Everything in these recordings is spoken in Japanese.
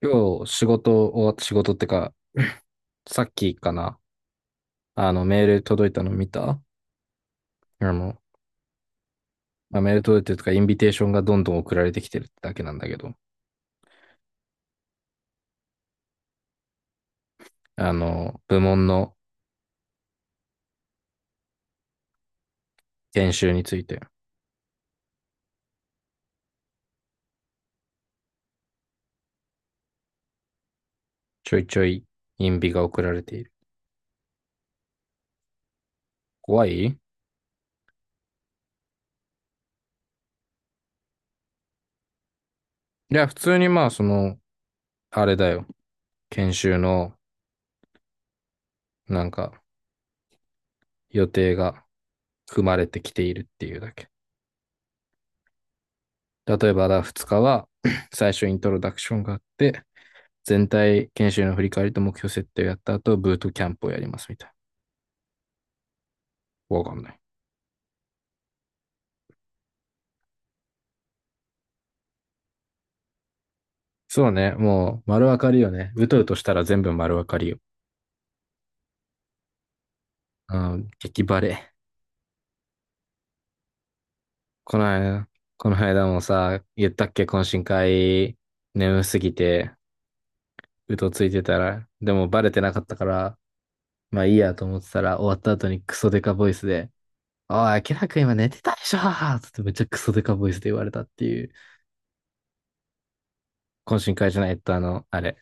今日仕事終わった仕事ってか、さっきかな、あのメール届いたの見た。の、まあ、メール届いてるとか、インビテーションがどんどん送られてきてるってだけなんだけど、部門の研修について、ちょいちょいインビが送られている。怖いいや、普通にまあ、その、あれだよ。研修の、なんか、予定が組まれてきているっていうだけ。例えば、2日は、最初イントロダクションがあって、全体研修の振り返りと目標設定をやった後、ブートキャンプをやりますみたいな。わかんない。そうね、もう丸分かりよね。うとうとしたら全部丸分かりよ。うん、激バレ。この間、この間もさ、言ったっけ、懇親会、眠すぎて、うとついてたら、でもバレてなかったから、まあいいやと思ってたら、終わった後にクソデカボイスで、おい、明らか今寝てたでしょつってめっちゃクソデカボイスで言われたっていう、懇親会じゃないとあの、あれ、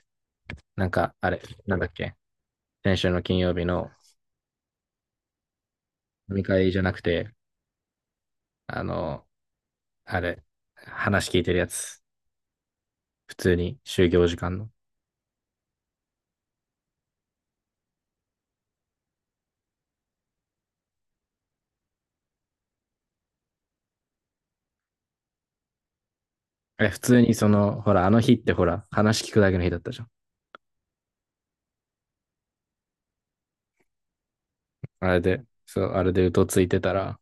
なんか、あれ、なんだっけ、先週の金曜日の飲み会じゃなくて、あの、あれ、話聞いてるやつ。普通に、就業時間の。え、普通にその、ほら、あの日ってほら、話聞くだけの日だったじゃん。あれで、そう、あれでうとついてたら、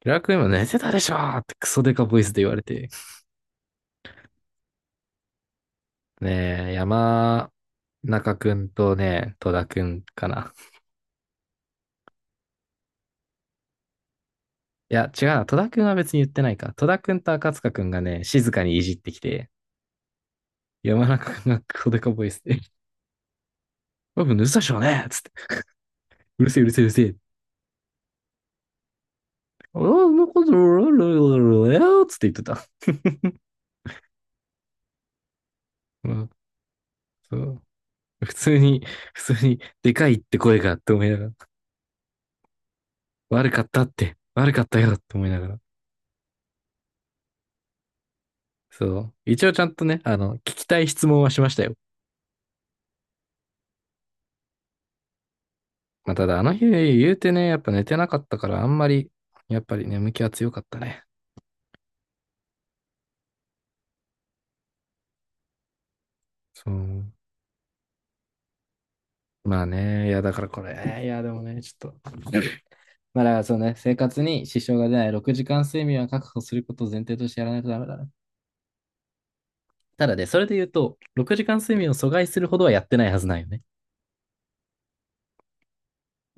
平良君今寝てたでしょーってクソデカボイスで言われて。ねえ、山中くんとね、戸田くんかな。いや、違うな。戸田くんは別に言ってないか。戸田くんと赤塚くんがね、静かにいじってきて、山中くんがクソデカボイスで、僕寝てたでしょうねっつって。うるせえ、うるせえ、うるせえ。あんなこと、つって言ってた。うん、そう、普通に、普通に、でかいって声がって思いながら、悪かったって、悪かったよって思いながら。そう。一応ちゃんとね、聞きたい質問はしましたよ。まあ、ただ、あの日言うてね、やっぱ寝てなかったから、あんまり、やっぱり眠気は強かったね。そう。まあね、いや、だからこれ、いや、でもね、ちょっと。まあ、だからそうね、生活に支障が出ない6時間睡眠は確保することを前提としてやらないとダメだね。ただね、それで言うと、6時間睡眠を阻害するほどはやってないはずなんよね。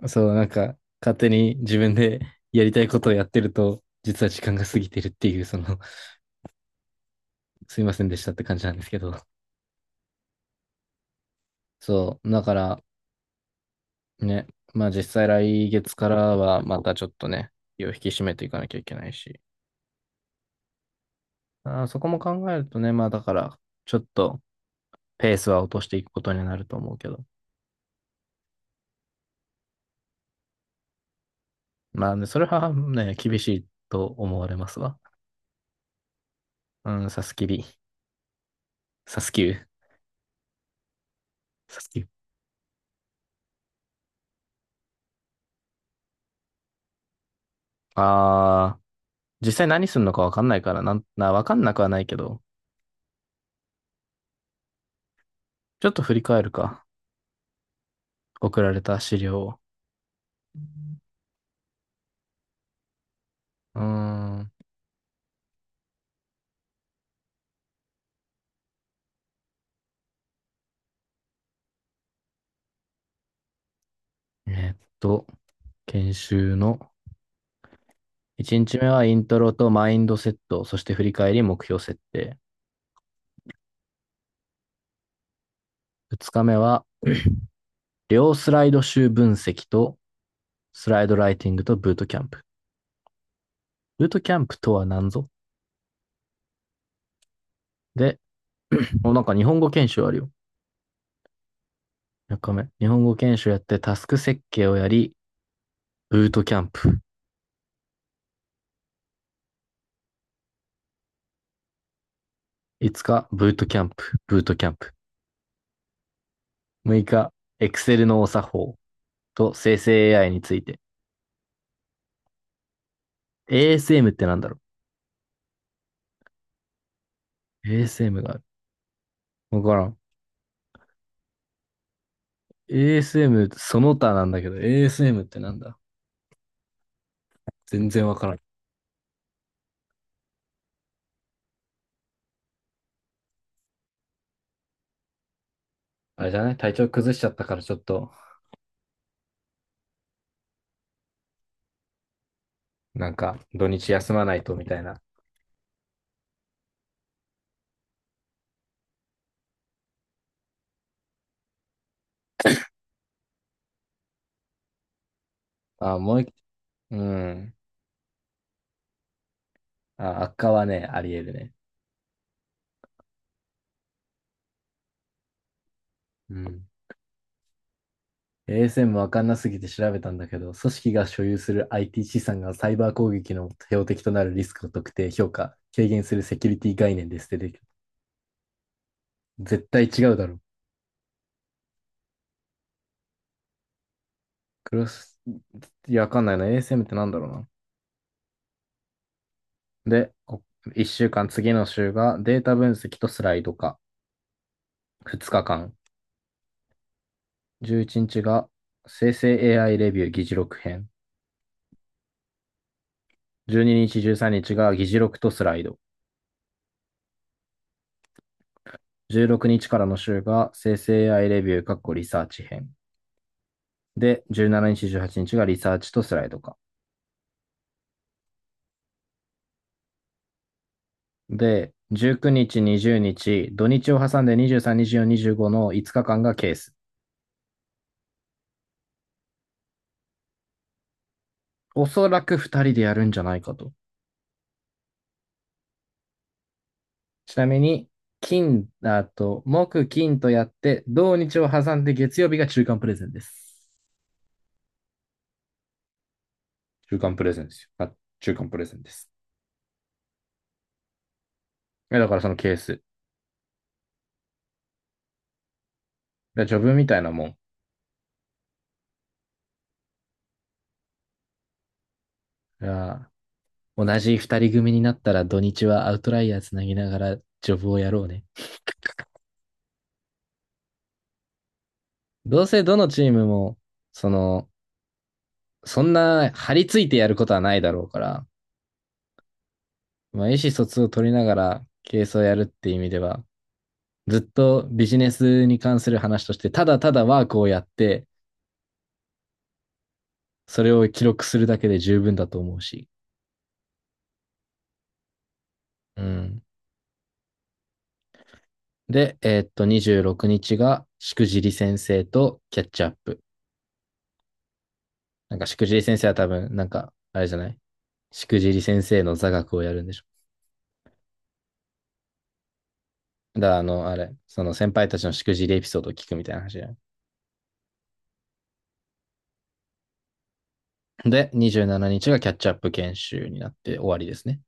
そう、なんか、勝手に自分で やりたいことをやってると、実は時間が過ぎてるっていう、その、すいませんでしたって感じなんですけど。そう、だからね、まあ実際来月からはまたちょっとね、気を引き締めていかなきゃいけないし。あーそこも考えるとね、まあだから、ちょっとペースは落としていくことになると思うけど。まあね、それはね、厳しいと思われますわ。うん、サスキュー、サスキュー。ああ、実際何すんのかわかんないから、なん、な、わかんなくはないけど、ちょっと振り返るか。送られた資料を。うーん。えーっと、研修の1日目はイントロとマインドセット、そして振り返り目標設定。2日目は両スライド集分析とスライドライティングとブートキャンプ。ブートキャンプとは何ぞ。で、お、なんか日本語研修あるよ。3日目。日本語研修やってタスク設計をやり、ブートキャンプ5日、ブートキャンプ。6日、Excel のお作法と生成 AI について。ASM ってなんだろう？ ASM がある。わからん。ASM、その他なんだけど、ASM ってなんだ、全然わからん。あれじゃない、体調崩しちゃったからちょっと、なんか、土日休まないとみたいな。あ、もう一、うん。あ、悪化はね、あり得るね。うん。ASM わかんなすぎて調べたんだけど、組織が所有する IT 資産がサイバー攻撃の標的となるリスクを特定、評価、軽減するセキュリティ概念ですってできる。絶対違うだろう。クロス、いや、わかんないな。ASM ってなんだろうな。で、1週間、次の週がデータ分析とスライド化。2日間。11日が生成 AI レビュー議事録編。12日、13日が議事録とスライド。16日からの週が生成 AI レビュー、リサーチ編。で、17日、18日がリサーチとスライド化。で、19日、20日、土日を挟んで23、24、25の5日間がケース。おそらく2人でやるんじゃないかと。ちなみに、金、あと、木、金とやって、土日を挟んで月曜日が中間プレゼンです。中間プレゼンですよ。あ、中間プレゼンです。だからそのケース。ジョブみたいなもん。同じ2人組になったら土日はアウトライヤーつなぎながらジョブをやろうね。どうせどのチームも、その、そんな張り付いてやることはないだろうから、まあ、意思疎通を取りながらケースをやるっていう意味では、ずっとビジネスに関する話として、ただただワークをやって、それを記録するだけで十分だと思うし。うん。で、26日が、しくじり先生とキャッチアップ。なんか、しくじり先生は多分、なんか、あれじゃない、しくじり先生の座学をやるんでしょ。だから、あの、あれ、その先輩たちのしくじりエピソードを聞くみたいな話じゃない。で、27日がキャッチアップ研修になって終わりですね。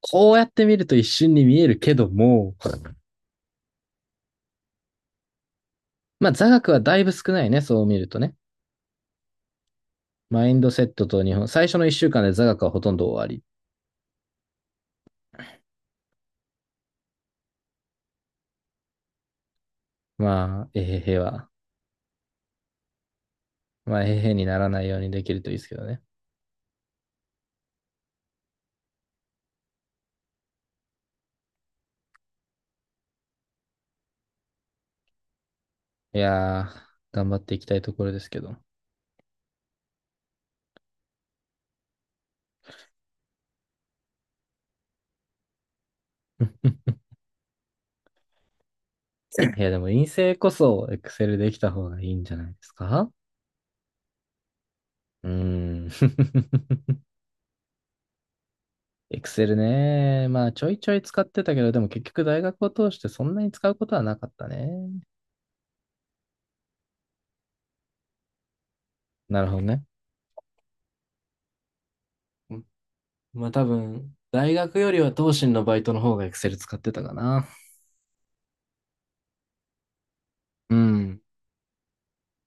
こうやって見ると一瞬に見えるけども、まあ座学はだいぶ少ないね、そう見るとね。マインドセットと日本、最初の1週間で座学はほとんど終わり。まあ、えへへは、まあ、えへへにならないようにできるといいですけどね。いやー、頑張っていきたいところですけど。いや、でも陰性こそエクセルできた方がいいんじゃないですか？うーん。エクセルね。まあ、ちょいちょい使ってたけど、でも結局大学を通してそんなに使うことはなかったね。なるほどね。うん、まあ多分、大学よりは東進のバイトの方が Excel 使ってたかな。うん。